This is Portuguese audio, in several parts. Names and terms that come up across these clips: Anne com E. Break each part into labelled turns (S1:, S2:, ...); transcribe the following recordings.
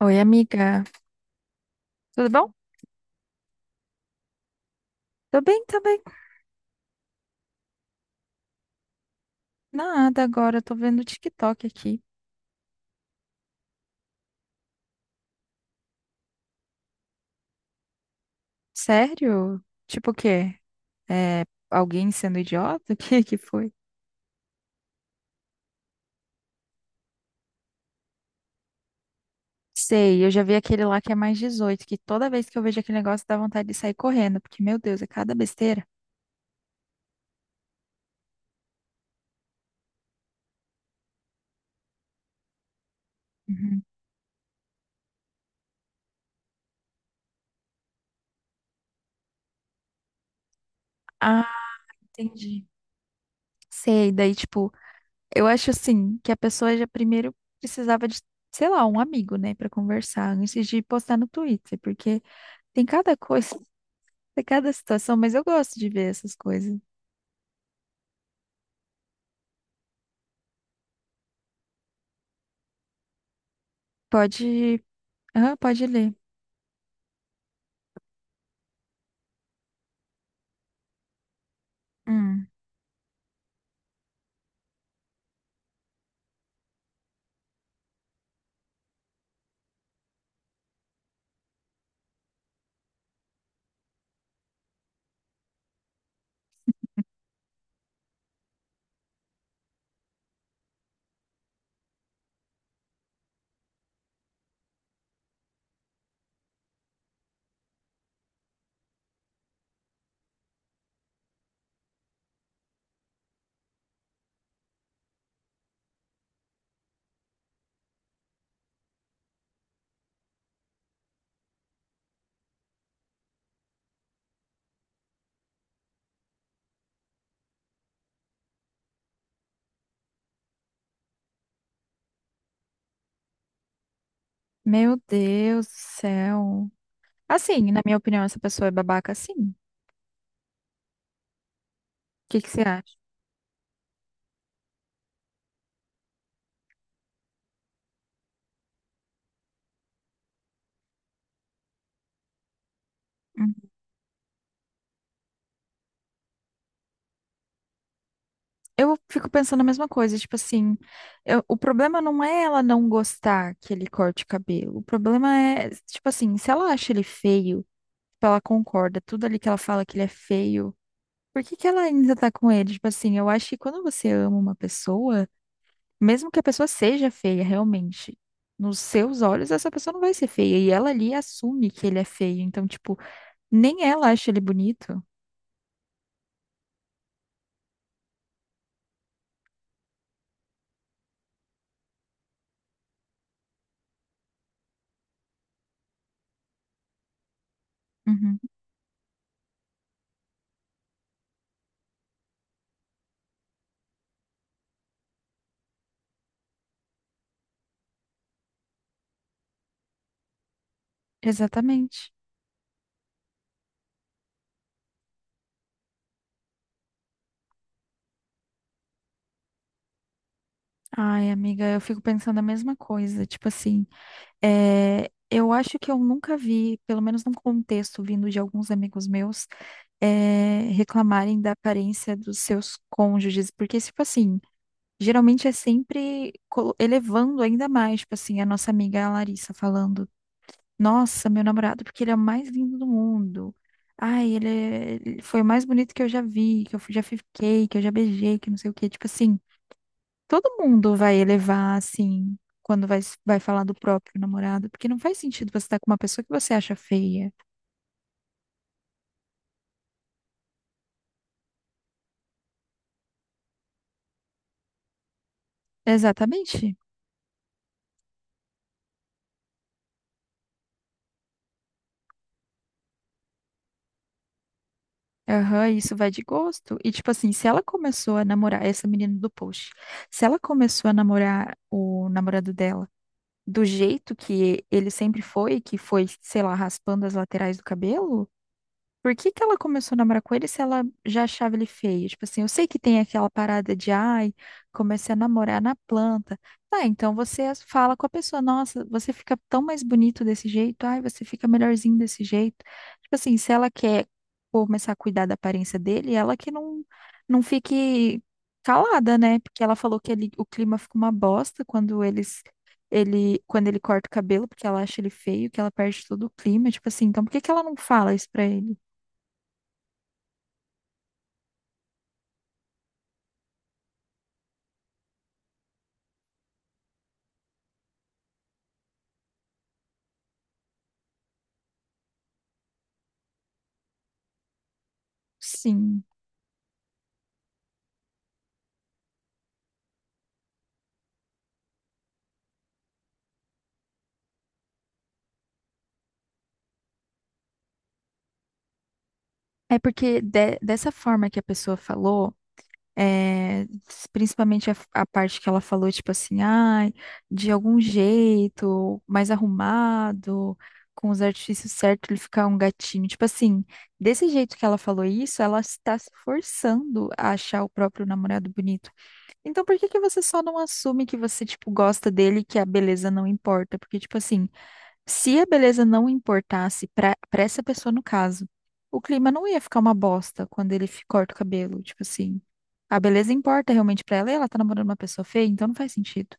S1: Oi, amiga. Tudo bom? Tô bem, tô bem. Nada agora, tô vendo o TikTok aqui. Sério? Tipo o quê? É, alguém sendo idiota? O que que foi? Sei, eu já vi aquele lá que é +18. Que toda vez que eu vejo aquele negócio dá vontade de sair correndo, porque, meu Deus, é cada besteira. Uhum. Ah, entendi. Sei, daí, tipo, eu acho assim, que a pessoa já primeiro precisava de, sei lá, um amigo, né, pra conversar, antes de postar no Twitter, porque tem cada coisa. Tem cada situação, mas eu gosto de ver essas coisas. Pode. Ah, pode ler. Hum. Meu Deus do céu. Assim, na minha opinião, essa pessoa é babaca, sim. O que que você acha? Hum. Eu fico pensando a mesma coisa, tipo assim, o problema não é ela não gostar que ele corte o cabelo. O problema é, tipo assim, se ela acha ele feio, tipo, ela concorda, tudo ali que ela fala que ele é feio, por que que ela ainda tá com ele? Tipo assim, eu acho que quando você ama uma pessoa, mesmo que a pessoa seja feia, realmente, nos seus olhos, essa pessoa não vai ser feia. E ela ali assume que ele é feio. Então, tipo, nem ela acha ele bonito. Uhum, exatamente. Ai, amiga, eu fico pensando a mesma coisa. Tipo assim, eu acho que eu nunca vi, pelo menos num contexto vindo de alguns amigos meus, reclamarem da aparência dos seus cônjuges. Porque, tipo assim, geralmente é sempre elevando ainda mais. Tipo assim, a nossa amiga Larissa falando. Nossa, meu namorado, porque ele é o mais lindo do mundo. Ai, ele foi o mais bonito que eu já vi, que eu já fiquei, que eu já beijei, que não sei o quê. Tipo assim, todo mundo vai elevar, assim, quando vai, vai falar do próprio namorado, porque não faz sentido você estar com uma pessoa que você acha feia. Exatamente. Aham, isso vai de gosto. E, tipo assim, se ela começou a namorar, essa menina do post, se ela começou a namorar o namorado dela do jeito que ele sempre foi, que foi, sei lá, raspando as laterais do cabelo. Por que que ela começou a namorar com ele se ela já achava ele feio? Tipo assim, eu sei que tem aquela parada de, ai, comecei a namorar na planta. Tá, então você fala com a pessoa, nossa, você fica tão mais bonito desse jeito, ai, você fica melhorzinho desse jeito. Tipo assim, se ela quer começar a cuidar da aparência dele, ela que não, não fique calada, né? Porque ela falou que ele, o clima fica uma bosta quando eles. Ele, quando ele corta o cabelo, porque ela acha ele feio, que ela perde todo o clima, tipo assim, então por que que ela não fala isso pra ele? Sim. É porque dessa forma que a pessoa falou, é, principalmente a parte que ela falou, tipo assim, ai, de algum jeito, mais arrumado, com os artifícios certos, ele ficar um gatinho. Tipo assim, desse jeito que ela falou isso, ela está se forçando a achar o próprio namorado bonito. Então, por que que você só não assume que você, tipo, gosta dele e que a beleza não importa? Porque, tipo assim. Se a beleza não importasse para essa pessoa no caso, o clima não ia ficar uma bosta quando ele corta o cabelo, tipo assim. A beleza importa realmente para ela e ela tá namorando uma pessoa feia, então não faz sentido.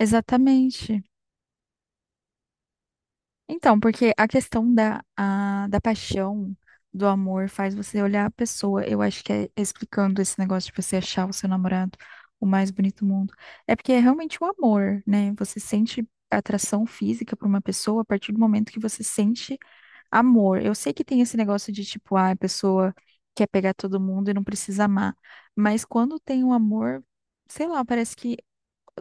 S1: Exatamente. Então, porque a questão da paixão, do amor, faz você olhar a pessoa. Eu acho que é explicando esse negócio de você achar o seu namorado o mais bonito do mundo. É porque é realmente o amor, né? Você sente atração física por uma pessoa a partir do momento que você sente amor. Eu sei que tem esse negócio de tipo, ah, a pessoa quer pegar todo mundo e não precisa amar. Mas quando tem um amor, sei lá, parece que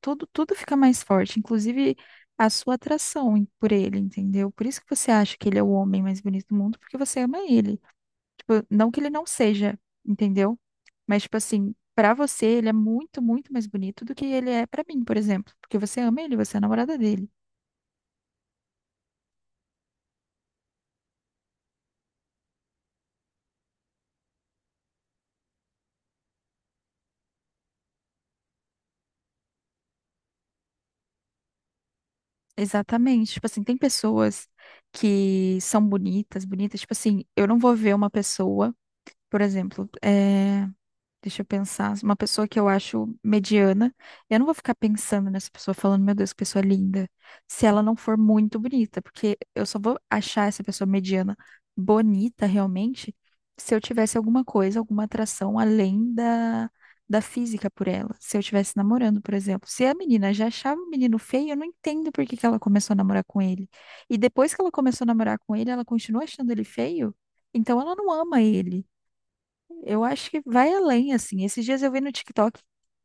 S1: tudo, tudo fica mais forte, inclusive a sua atração por ele, entendeu? Por isso que você acha que ele é o homem mais bonito do mundo, porque você ama ele. Tipo, não que ele não seja, entendeu? Mas, tipo assim, pra você, ele é muito, muito mais bonito do que ele é pra mim, por exemplo. Porque você ama ele, você é a namorada dele. Exatamente. Tipo assim, tem pessoas que são bonitas, bonitas. Tipo assim, eu não vou ver uma pessoa, por exemplo, deixa eu pensar. Uma pessoa que eu acho mediana. Eu não vou ficar pensando nessa pessoa falando, meu Deus, que pessoa linda. Se ela não for muito bonita, porque eu só vou achar essa pessoa mediana bonita realmente se eu tivesse alguma coisa, alguma atração além da física por ela. Se eu estivesse namorando, por exemplo. Se a menina já achava o menino feio, eu não entendo por que que ela começou a namorar com ele. E depois que ela começou a namorar com ele, ela continua achando ele feio? Então ela não ama ele. Eu acho que vai além, assim. Esses dias eu vi no TikTok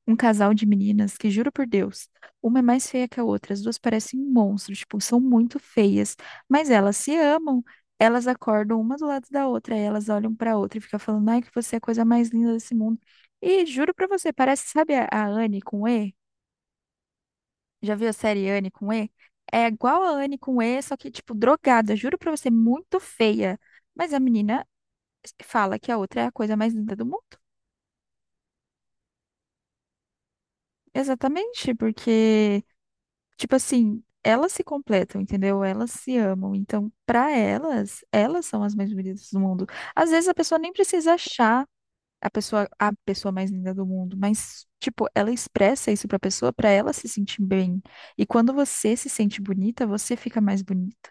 S1: um casal de meninas que, juro por Deus, uma é mais feia que a outra. As duas parecem um monstro, tipo, são muito feias. Mas elas se amam, elas acordam uma do lado da outra, aí elas olham pra outra e ficam falando, ai, que você é a coisa mais linda desse mundo. E juro pra você, parece, sabe a Anne com E? Já viu a série Anne com E? É igual a Anne com E, só que, tipo, drogada. Juro pra você, muito feia. Mas a menina fala que a outra é a coisa mais linda do mundo. Exatamente, porque, tipo assim, elas se completam, entendeu? Elas se amam. Então, pra elas, elas são as mais bonitas do mundo. Às vezes a pessoa nem precisa achar a pessoa mais linda do mundo, mas tipo, ela expressa isso pra pessoa pra ela se sentir bem. E quando você se sente bonita, você fica mais bonita.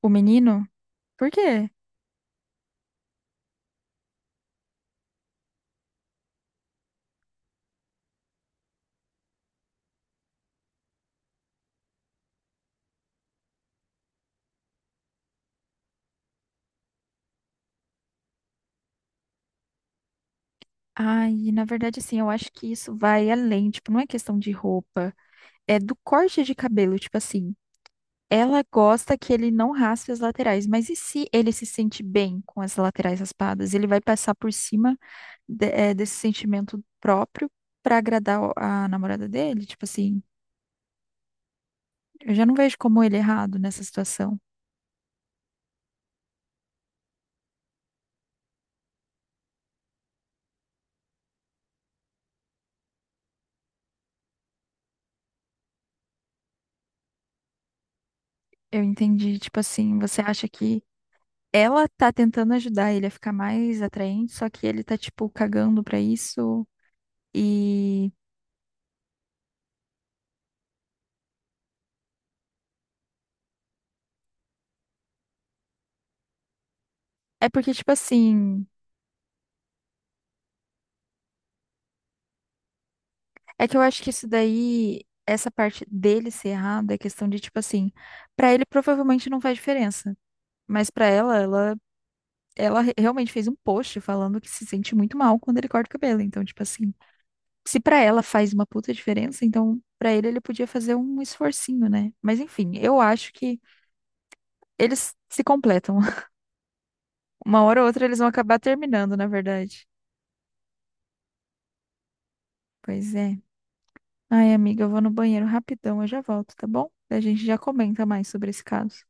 S1: O menino, por quê? Ai, na verdade, assim, eu acho que isso vai além, tipo, não é questão de roupa, é do corte de cabelo, tipo assim. Ela gosta que ele não raspe as laterais, mas e se ele se sente bem com as laterais raspadas? Ele vai passar por cima desse sentimento próprio para agradar a namorada dele? Tipo assim, eu já não vejo como ele é errado nessa situação. Eu entendi, tipo assim, você acha que ela tá tentando ajudar ele a ficar mais atraente, só que ele tá, tipo, cagando pra isso e. É porque, tipo assim, é que eu acho que isso daí, essa parte dele ser errado, é questão de, tipo assim, pra ele provavelmente não faz diferença. Mas pra ela, realmente fez um post falando que se sente muito mal quando ele corta o cabelo. Então, tipo assim, se pra ela faz uma puta diferença, então pra ele podia fazer um esforcinho, né? Mas enfim, eu acho que eles se completam. Uma hora ou outra eles vão acabar terminando, na verdade. Pois é. Ai, amiga, eu vou no banheiro rapidão, eu já volto, tá bom? A gente já comenta mais sobre esse caso.